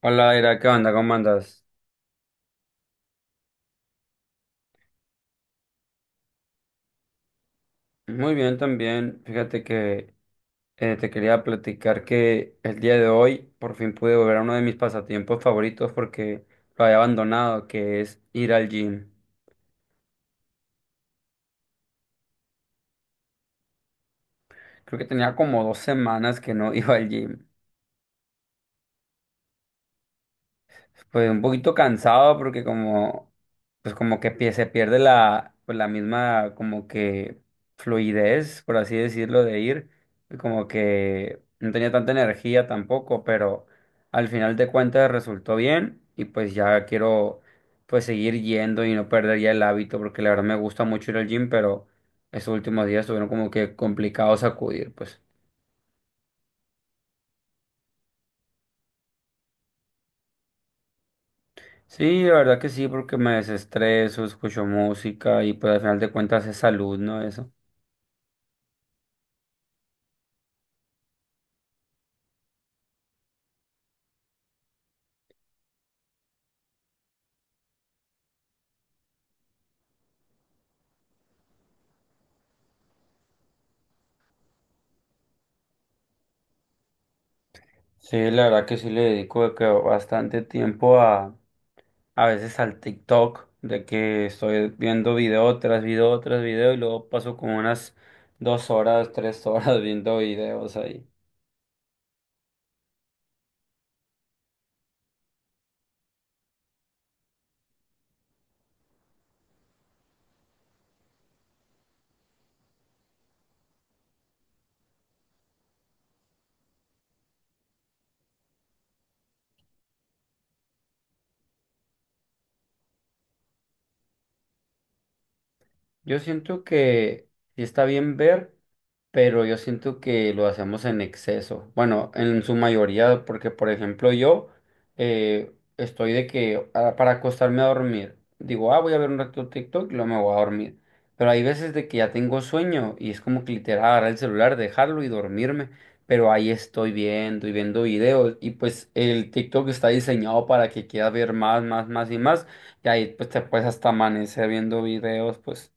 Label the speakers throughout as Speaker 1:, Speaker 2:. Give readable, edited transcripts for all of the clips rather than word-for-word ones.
Speaker 1: Hola, Ira, ¿qué onda? ¿Cómo andas? Muy bien también. Fíjate que te quería platicar que el día de hoy por fin pude volver a uno de mis pasatiempos favoritos porque lo había abandonado, que es ir al gym. Creo que tenía como 2 semanas que no iba al gym. Pues un poquito cansado porque como, pues como que se pierde pues la misma como que fluidez, por así decirlo, de ir. Y como que no tenía tanta energía tampoco, pero al final de cuentas resultó bien y pues ya quiero pues seguir yendo y no perder ya el hábito porque la verdad me gusta mucho ir al gym, pero estos últimos días estuvieron como que complicados acudir, pues. Sí, la verdad que sí, porque me desestreso, escucho música y pues al final de cuentas es salud, ¿no? Eso. Sí, la verdad que sí le dedico de que bastante tiempo a veces al TikTok, de que estoy viendo video tras video tras video y luego paso como unas 2 horas, 3 horas viendo videos ahí. Yo siento que sí está bien ver, pero yo siento que lo hacemos en exceso. Bueno, en su mayoría, porque por ejemplo yo estoy de que para acostarme a dormir, digo, voy a ver un rato TikTok y luego me voy a dormir. Pero hay veces de que ya tengo sueño y es como que literal agarrar el celular, dejarlo y dormirme. Pero ahí estoy viendo y viendo videos y pues el TikTok está diseñado para que quieras ver más, más, más y más. Y ahí pues te puedes hasta amanecer viendo videos, pues.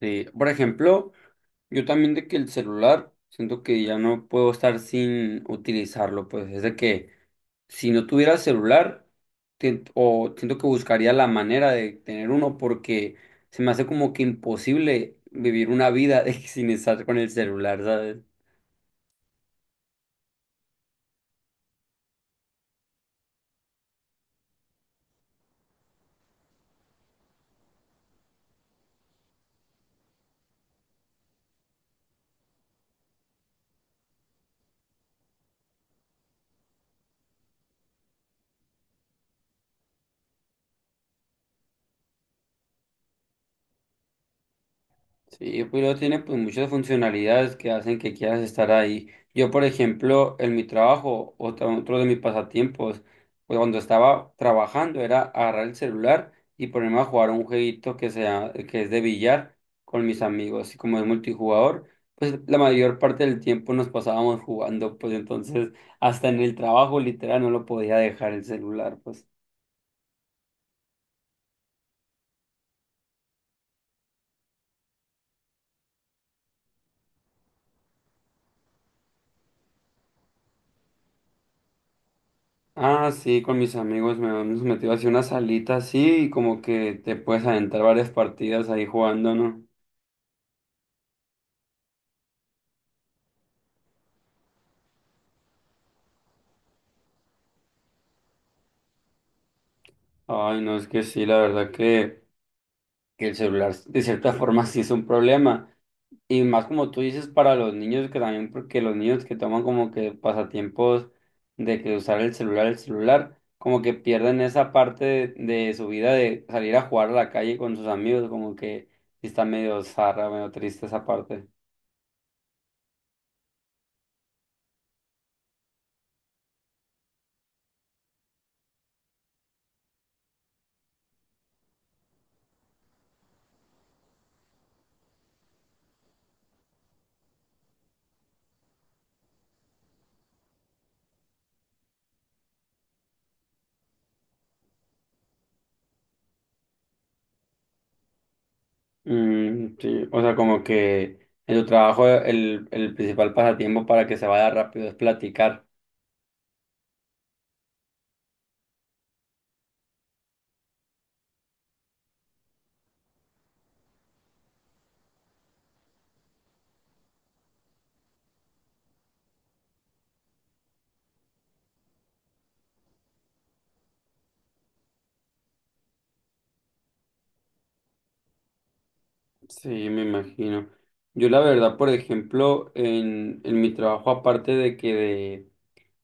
Speaker 1: Sí, por ejemplo, yo también de que el celular, siento que ya no puedo estar sin utilizarlo, pues es de que si no tuviera el celular, o siento que buscaría la manera de tener uno, porque se me hace como que imposible vivir una vida de que sin estar con el celular, ¿sabes? Sí, pues luego tiene pues muchas funcionalidades que hacen que quieras estar ahí. Yo, por ejemplo, en mi trabajo, otro de mis pasatiempos, pues cuando estaba trabajando era agarrar el celular y ponerme a jugar un jueguito que sea, que es de billar con mis amigos. Y como es multijugador, pues la mayor parte del tiempo nos pasábamos jugando, pues entonces hasta en el trabajo literal no lo podía dejar el celular, pues. Ah, sí, con mis amigos me hemos metido así una salita así y como que te puedes adentrar varias partidas ahí jugando, ¿no? Ay, no, es que sí, la verdad que el celular de cierta forma sí es un problema. Y más como tú dices para los niños, que también porque los niños que toman como que pasatiempos de que usar el celular, como que pierden esa parte de su vida de salir a jugar a la calle con sus amigos, como que sí está medio zarra, medio triste esa parte. Mm, sí, o sea, como que en tu trabajo el principal pasatiempo para que se vaya rápido es platicar. Sí, me imagino. Yo la verdad, por ejemplo, en mi trabajo, aparte de que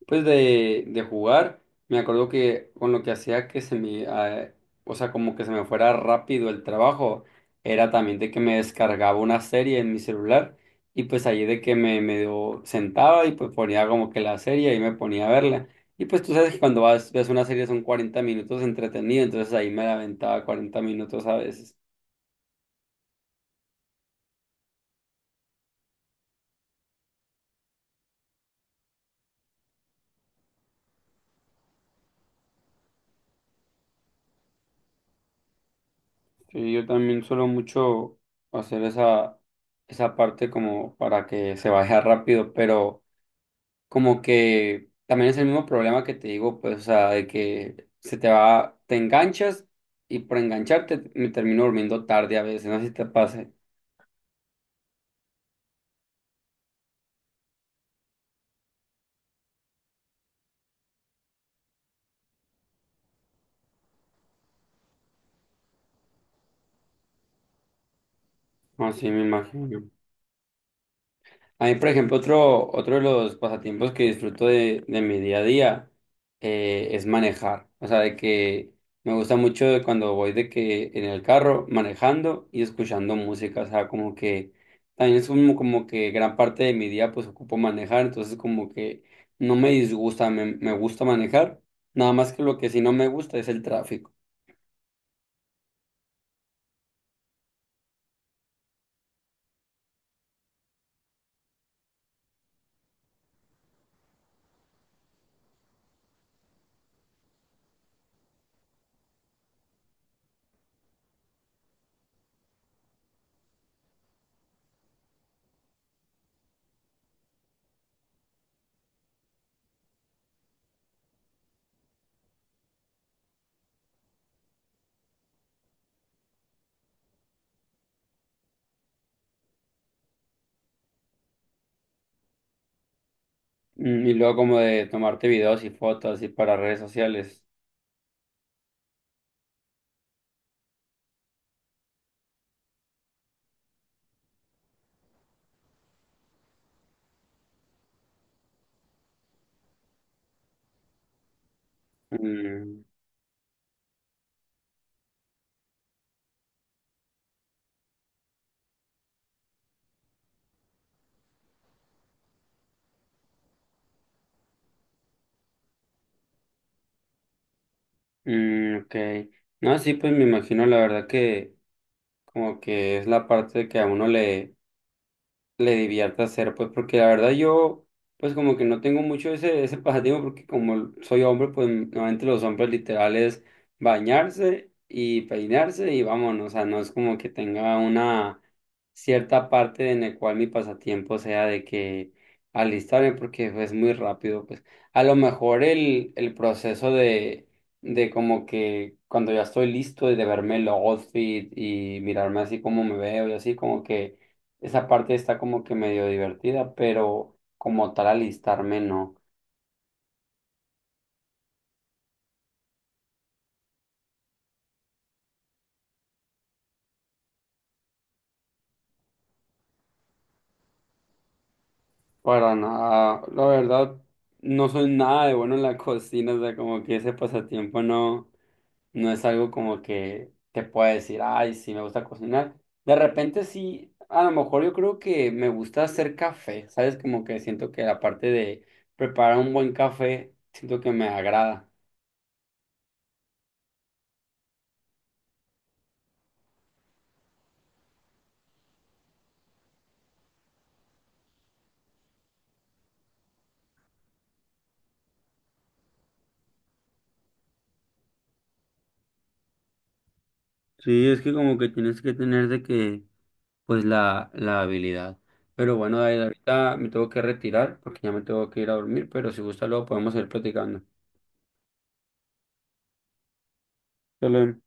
Speaker 1: pues de jugar, me acuerdo que con lo que hacía que se me, o sea, como que se me fuera rápido el trabajo, era también de que me descargaba una serie en mi celular y pues ahí de que me medio sentaba y pues ponía como que la serie y me ponía a verla. Y pues tú sabes que cuando vas, ves una serie son 40 minutos entretenido, entonces ahí me la aventaba 40 minutos a veces. Sí, yo también suelo mucho hacer esa parte como para que se vaya rápido, pero como que también es el mismo problema que te digo, pues, o sea, de que se te va, te enganchas y por engancharte me termino durmiendo tarde a veces, no sé si te pase. Así me imagino. A mí, por ejemplo, otro de los pasatiempos que disfruto de mi día a día es manejar. O sea, de que me gusta mucho de cuando voy de que en el carro manejando y escuchando música. O sea, como que también es como que gran parte de mi día pues ocupo manejar. Entonces como que no me disgusta, me gusta manejar. Nada más que lo que sí no me gusta es el tráfico. Mm. Y luego como de tomarte videos y fotos y para redes sociales. Mm. Mm, ok. No, sí, pues me imagino la verdad que como que es la parte que a uno le divierta hacer, pues, porque la verdad yo, pues, como que no tengo mucho ese, ese pasatiempo, porque como soy hombre, pues, normalmente los hombres literales bañarse y peinarse y vámonos, o sea, no es como que tenga una cierta parte en la cual mi pasatiempo sea de que alistarme, porque pues, es muy rápido, pues, a lo mejor el proceso de como que cuando ya estoy listo de verme el outfit y mirarme así como me veo y así como que esa parte está como que medio divertida, pero como tal alistarme no, para nada. La verdad, no soy nada de bueno en la cocina, o sea, como que ese pasatiempo no, no es algo como que te pueda decir, ay, sí, me gusta cocinar. De repente sí, a lo mejor yo creo que me gusta hacer café, ¿sabes? Como que siento que la parte de preparar un buen café, siento que me agrada. Sí, es que como que tienes que tener de que pues la habilidad. Pero bueno, David, ahorita me tengo que retirar porque ya me tengo que ir a dormir, pero si gusta luego podemos ir platicando. Shalom.